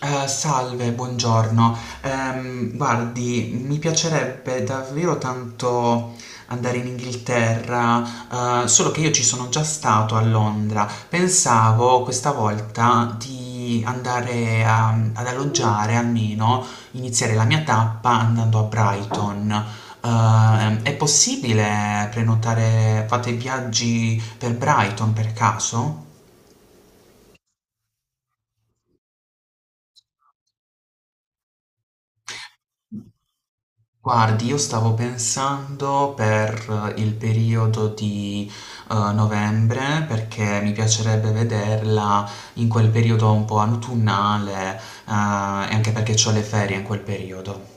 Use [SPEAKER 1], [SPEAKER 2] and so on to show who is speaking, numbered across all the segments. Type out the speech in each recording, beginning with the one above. [SPEAKER 1] Salve, buongiorno. Guardi, mi piacerebbe davvero tanto andare in Inghilterra, solo che io ci sono già stato a Londra. Pensavo questa volta di ad alloggiare almeno, iniziare la mia tappa andando a Brighton. È possibile prenotare, fate viaggi per Brighton per caso? Guardi, io stavo pensando per il periodo di, novembre, perché mi piacerebbe vederla in quel periodo un po' autunnale, ehm, e anche perché c'ho le ferie in quel periodo.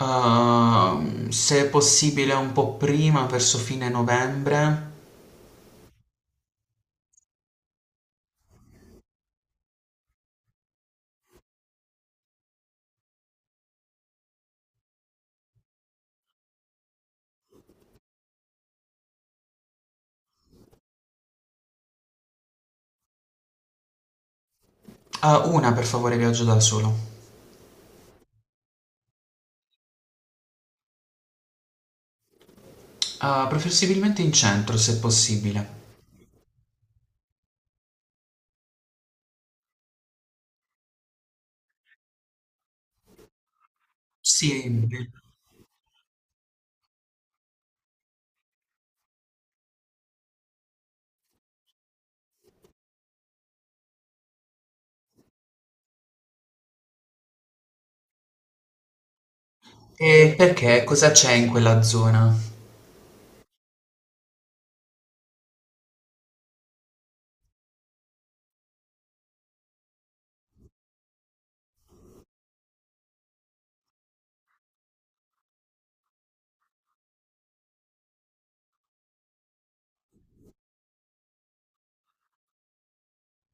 [SPEAKER 1] Se è possibile un po' prima, verso fine novembre. Ah, una per favore, viaggio da solo. Ah, preferibilmente in centro, se possibile. Sì, e perché? Cosa c'è in quella zona?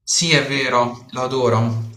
[SPEAKER 1] Sì, è vero, lo adoro.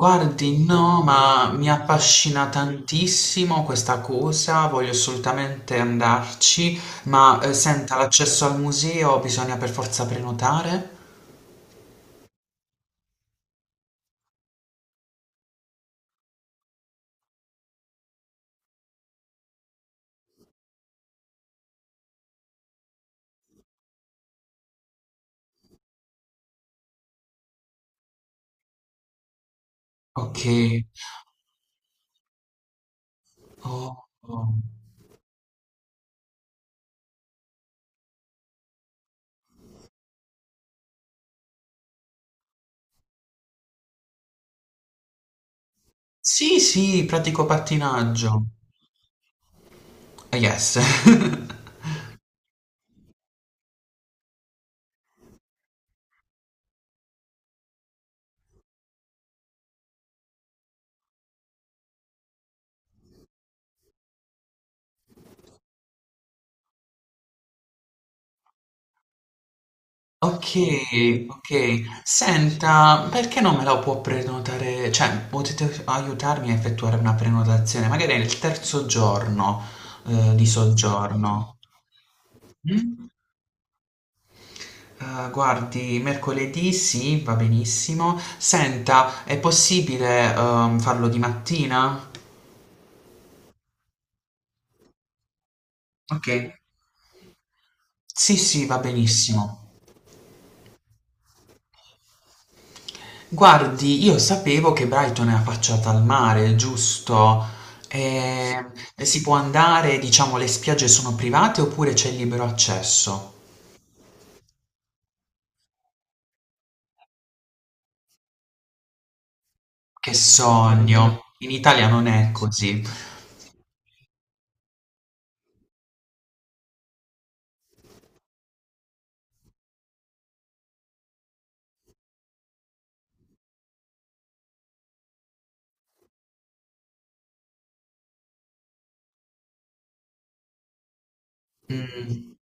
[SPEAKER 1] Guardi, no, ma mi affascina tantissimo questa cosa, voglio assolutamente andarci, ma senta, l'accesso al museo bisogna per forza prenotare? Ok. Oh, oh. Sì, sì, pratico pattinaggio. Ah, yes. Ok, ok. Senta, perché non me la può prenotare? Cioè, potete aiutarmi a effettuare una prenotazione, magari è il terzo giorno di soggiorno. Mm? Ah, guardi, mercoledì sì, va benissimo. Senta, è possibile, farlo di mattina? Ok. Sì, sì, va benissimo. Guardi, io sapevo che Brighton è affacciata al mare, giusto? E si può andare, diciamo, le spiagge sono private oppure c'è il libero accesso? Che sogno! In Italia non è così. Mm.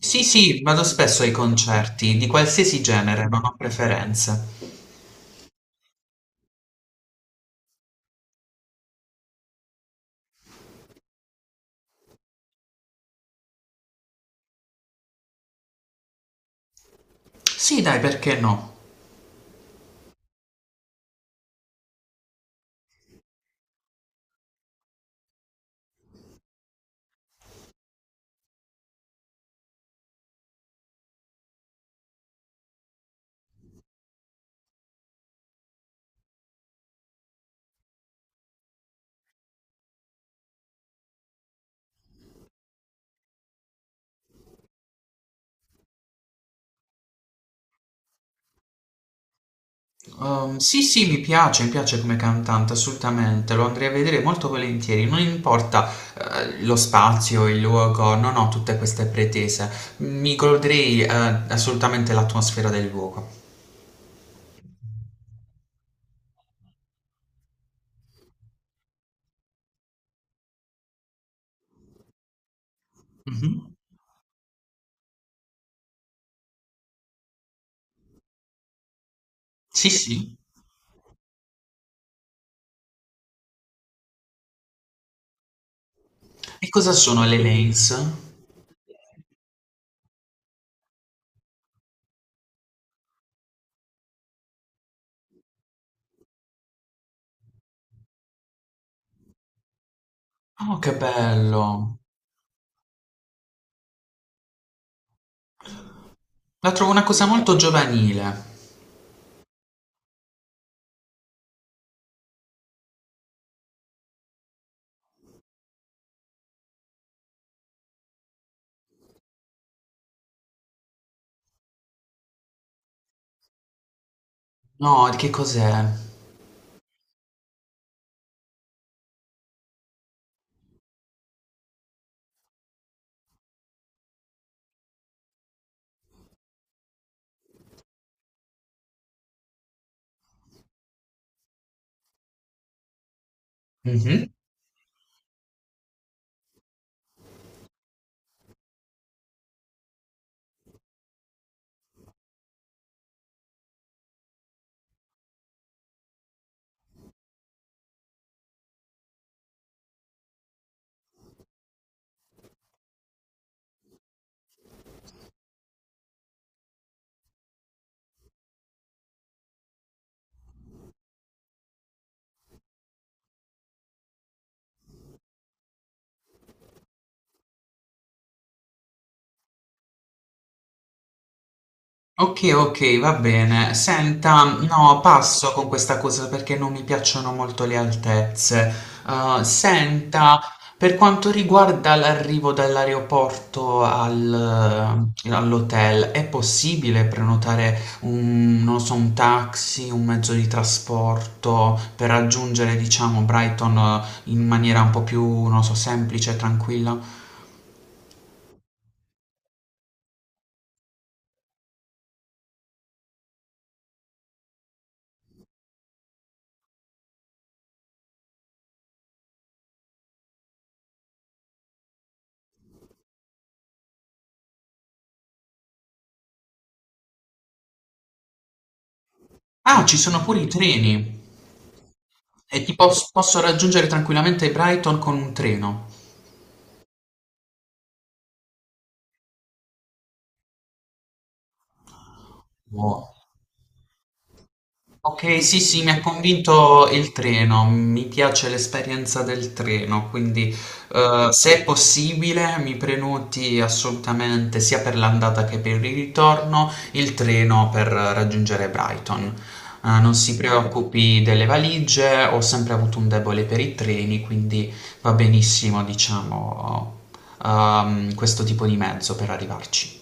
[SPEAKER 1] Sì, sì, vado spesso ai concerti, di qualsiasi genere, non ho preferenze. Sì, dai, perché no? Sì, sì, mi piace come cantante, assolutamente, lo andrei a vedere molto volentieri, non importa, lo spazio, il luogo, non ho tutte queste pretese, mi goderei, assolutamente l'atmosfera del luogo. Mhm. Sì, sì. E cosa sono le lanes? Oh, che bello! La trovo una cosa molto giovanile. No, di che cos'è? Mhm. Ok, ok, va bene. Senta, no, passo con questa cosa perché non mi piacciono molto le altezze. Senta, per quanto riguarda l'arrivo all'hotel, è possibile prenotare un, non so, un taxi, un mezzo di trasporto per raggiungere, diciamo, Brighton in maniera un po' più, non so, semplice e tranquilla? Ah, ci sono pure i treni. E posso raggiungere tranquillamente Brighton con un treno. Oh. Ok, sì, sì, mi ha convinto il treno, mi piace l'esperienza del treno, quindi se è possibile mi prenoti assolutamente sia per l'andata che per il ritorno il treno per raggiungere Brighton. Non si preoccupi delle valigie, ho sempre avuto un debole per i treni, quindi va benissimo, diciamo, questo tipo di mezzo per arrivarci.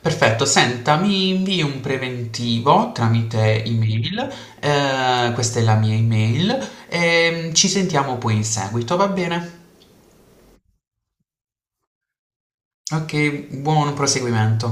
[SPEAKER 1] Perfetto, senta, mi invii un preventivo tramite email, questa è la mia email, e ci sentiamo poi in seguito, va bene? Ok, buon proseguimento.